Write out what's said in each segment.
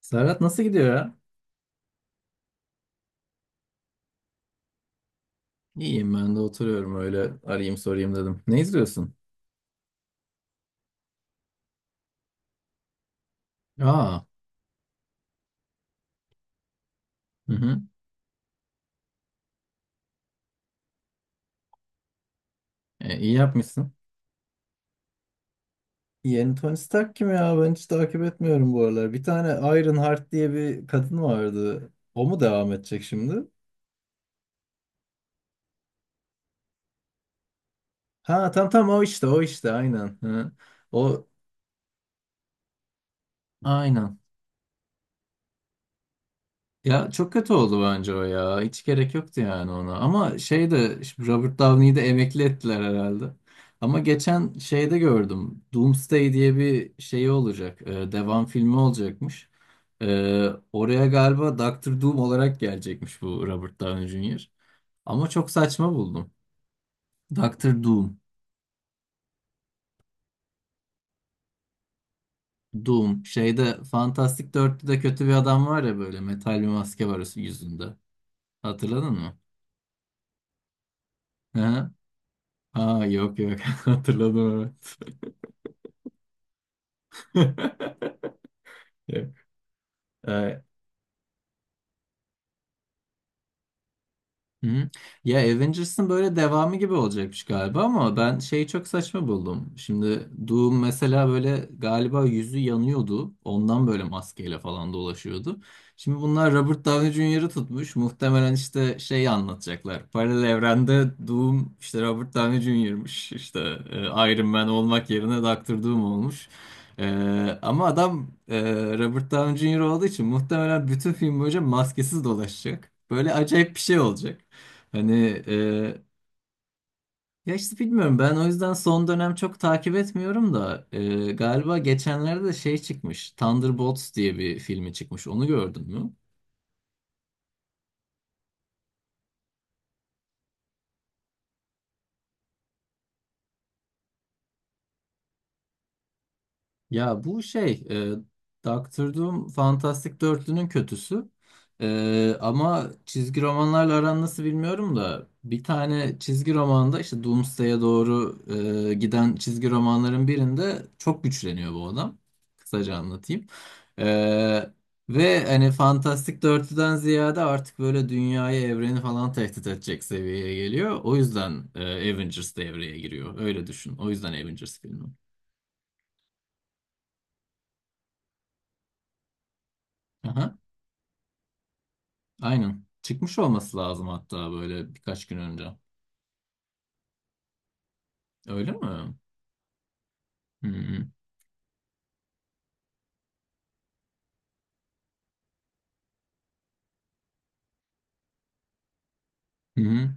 Serhat nasıl gidiyor ya? İyiyim ben de oturuyorum öyle arayayım sorayım dedim. Ne izliyorsun? Aa, hı hı. İyi yapmışsın. Yeni Tony Stark kim ya? Ben hiç takip etmiyorum bu aralar. Bir tane Iron Heart diye bir kadın vardı. O mu devam edecek şimdi? Ha, tam tam, o işte o işte aynen. Hı. O, aynen. Ya, çok kötü oldu bence o ya. Hiç gerek yoktu yani ona. Ama şey de, şimdi Robert Downey'i de emekli ettiler herhalde. Ama geçen şeyde gördüm. Doomsday diye bir şey olacak. Devam filmi olacakmış. E, Oraya galiba Doktor Doom olarak gelecekmiş bu Robert Downey Jr. Ama çok saçma buldum. Doktor Doom. Doom. Şeyde Fantastic 4'te kötü bir adam var ya, böyle metal bir maske var yüzünde. Hatırladın mı? Aa, yok yok, hatırladım evet. Yok. Ee, Hı. Ya, Avengers'ın böyle devamı gibi olacakmış galiba ama ben şeyi çok saçma buldum. Şimdi Doom mesela böyle galiba yüzü yanıyordu. Ondan böyle maskeyle falan dolaşıyordu. Şimdi bunlar Robert Downey Jr.'ı tutmuş. Muhtemelen işte şeyi anlatacaklar. Paralel evrende Doom işte Robert Downey Jr.'mış. İşte Iron Man olmak yerine Doctor Doom olmuş. E, Ama adam, Robert Downey Jr. olduğu için muhtemelen bütün film boyunca maskesiz dolaşacak. Böyle acayip bir şey olacak. Hani ya, işte bilmiyorum, ben o yüzden son dönem çok takip etmiyorum da galiba geçenlerde de şey çıkmış, Thunderbolts diye bir filmi çıkmış, onu gördün mü? Ya bu Doctor Doom Fantastic Dörtlü'nün kötüsü. Ama çizgi romanlarla aran nasıl bilmiyorum da bir tane çizgi romanda işte Doomsday'e doğru giden çizgi romanların birinde çok güçleniyor bu adam. Kısaca anlatayım. E, ve hani Fantastic Dörtlü'den ziyade artık böyle dünyayı, evreni falan tehdit edecek seviyeye geliyor. O yüzden Avengers devreye giriyor. Öyle düşün. O yüzden Avengers filmi. Aha. Aynen. Çıkmış olması lazım hatta, böyle birkaç gün önce. Öyle mi? Hı hı. Hı hı.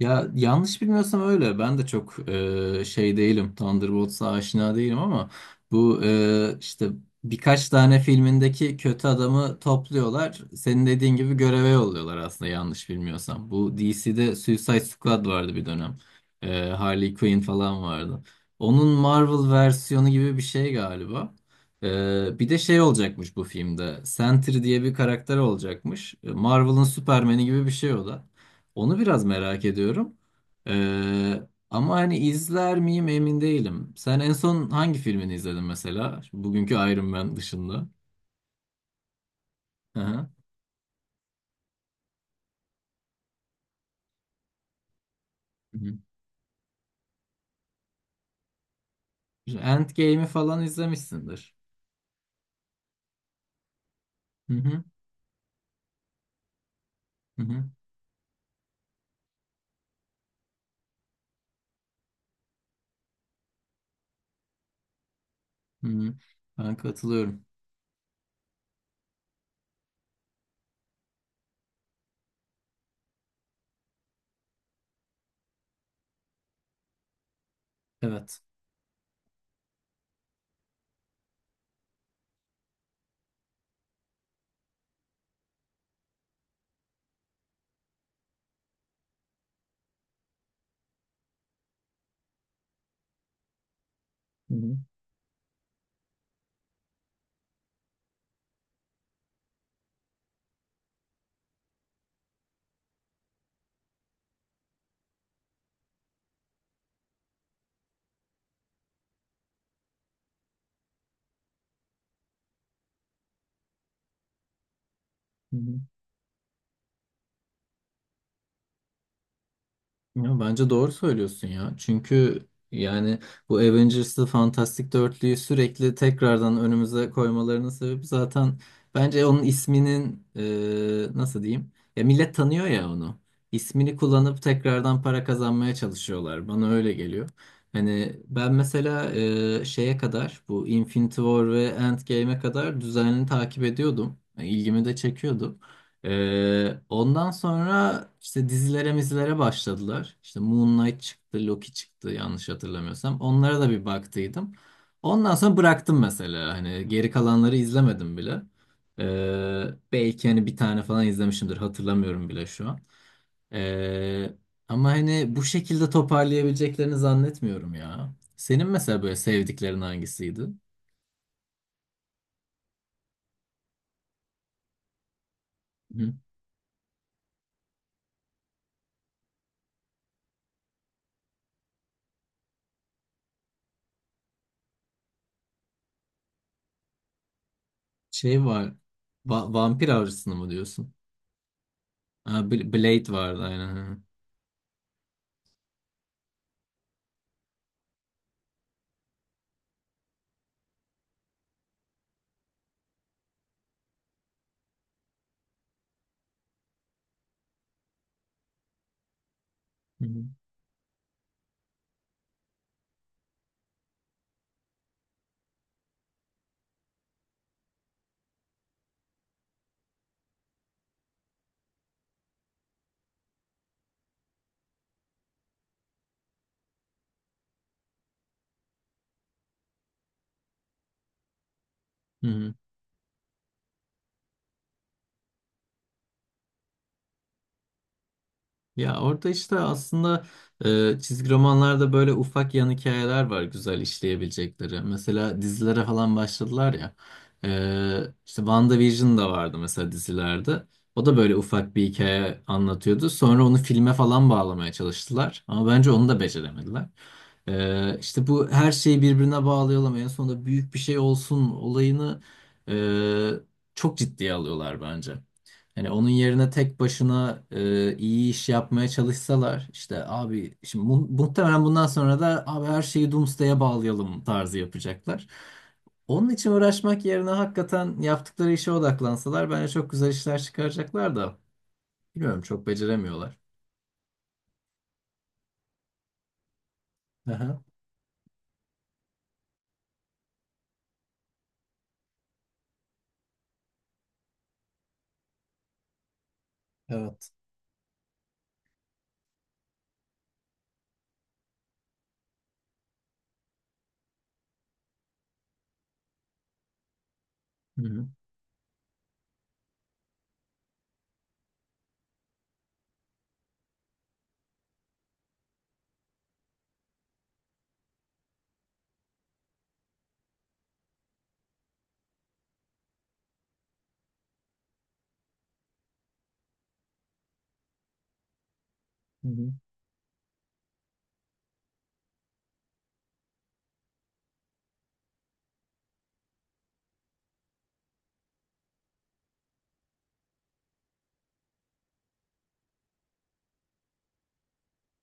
Ya, yanlış bilmiyorsam öyle. Ben de çok şey değilim, Thunderbolts'a aşina değilim ama bu işte birkaç tane filmindeki kötü adamı topluyorlar. Senin dediğin gibi göreve yolluyorlar aslında, yanlış bilmiyorsam. Bu DC'de Suicide Squad vardı bir dönem. Harley Quinn falan vardı. Onun Marvel versiyonu gibi bir şey galiba. Bir de şey olacakmış bu filmde. Sentry diye bir karakter olacakmış. Marvel'ın Superman'i gibi bir şey o da. Onu biraz merak ediyorum. Ee, ama hani izler miyim emin değilim. Sen en son hangi filmini izledin mesela? Şu bugünkü Iron Man dışında. Hı hı. Hı hı. Endgame'i falan izlemişsindir. Hı hı. Hı hı. Hı hı. Ben katılıyorum. Evet. Hı hı. Hı hı. Ya, bence doğru söylüyorsun ya. Çünkü yani bu Avengers'ı, Fantastic Dörtlüyü sürekli tekrardan önümüze koymalarının sebebi zaten bence onun isminin, nasıl diyeyim, ya millet tanıyor ya onu. İsmini kullanıp tekrardan para kazanmaya çalışıyorlar. Bana öyle geliyor. Hani ben mesela şeye kadar, bu Infinity War ve Endgame'e kadar düzenli takip ediyordum. Yani İlgimi de çekiyordu. Ondan sonra işte dizilere mizilere başladılar. İşte Moon Knight çıktı, Loki çıktı yanlış hatırlamıyorsam. Onlara da bir baktıydım. Ondan sonra bıraktım mesela. Hani geri kalanları izlemedim bile. Ee, Belki hani bir tane falan izlemişimdir. Hatırlamıyorum bile şu an. Ee, Ama hani bu şekilde toparlayabileceklerini zannetmiyorum ya. Senin mesela böyle sevdiklerin hangisiydi? Hı. Şey var. Vampir Avcısı'nı mı diyorsun? Ha, Blade vardı aynen. Ha. Hı hı. Hı hı. Ya orada işte aslında çizgi romanlarda böyle ufak yan hikayeler var güzel işleyebilecekleri. Mesela dizilere falan başladılar ya. E, işte WandaVision da vardı mesela dizilerde. O da böyle ufak bir hikaye anlatıyordu. Sonra onu filme falan bağlamaya çalıştılar. Ama bence onu da beceremediler. E, işte bu her şeyi birbirine bağlayalım, en sonunda büyük bir şey olsun olayını çok ciddiye alıyorlar bence. Hani onun yerine tek başına iyi iş yapmaya çalışsalar, işte abi şimdi muhtemelen bundan sonra da abi her şeyi Doomsday'e bağlayalım tarzı yapacaklar. Onun için uğraşmak yerine hakikaten yaptıkları işe odaklansalar bence çok güzel işler çıkaracaklar da bilmiyorum, çok beceremiyorlar. Aha. Evet. Hı hı.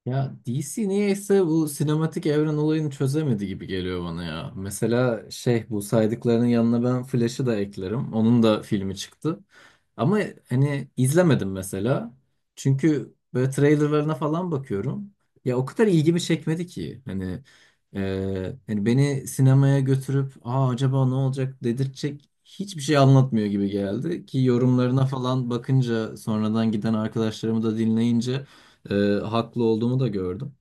Ya, DC niyeyse bu sinematik evren olayını çözemedi gibi geliyor bana ya. Mesela şey, bu saydıklarının yanına ben Flash'ı da eklerim. Onun da filmi çıktı. Ama hani izlemedim mesela. Çünkü böyle trailerlarına falan bakıyorum. Ya o kadar ilgimi çekmedi ki. Hani, beni sinemaya götürüp, aa, acaba ne olacak, dedirtecek hiçbir şey anlatmıyor gibi geldi. Ki yorumlarına falan bakınca, sonradan giden arkadaşlarımı da dinleyince e, haklı olduğumu da gördüm.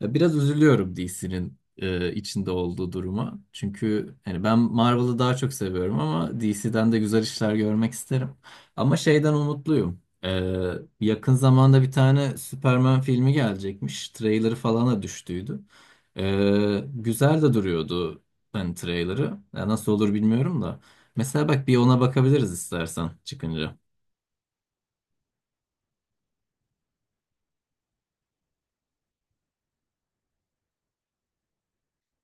Ya, biraz üzülüyorum DC'nin içinde olduğu duruma. Çünkü hani ben Marvel'ı daha çok seviyorum ama DC'den de güzel işler görmek isterim. Ama şeyden umutluyum. Yakın zamanda bir tane Superman filmi gelecekmiş. Trailer'ı falan da düştüydü. Güzel de duruyordu hani trailer'ı. Ya nasıl olur bilmiyorum da. Mesela bak, bir ona bakabiliriz istersen çıkınca.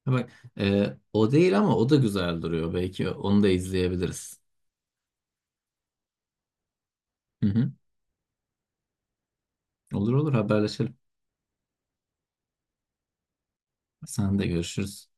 Ha, bak, o değil ama o da güzel duruyor. Belki onu da izleyebiliriz. Hı hı. Olur olur, haberleşelim. Sen de, görüşürüz.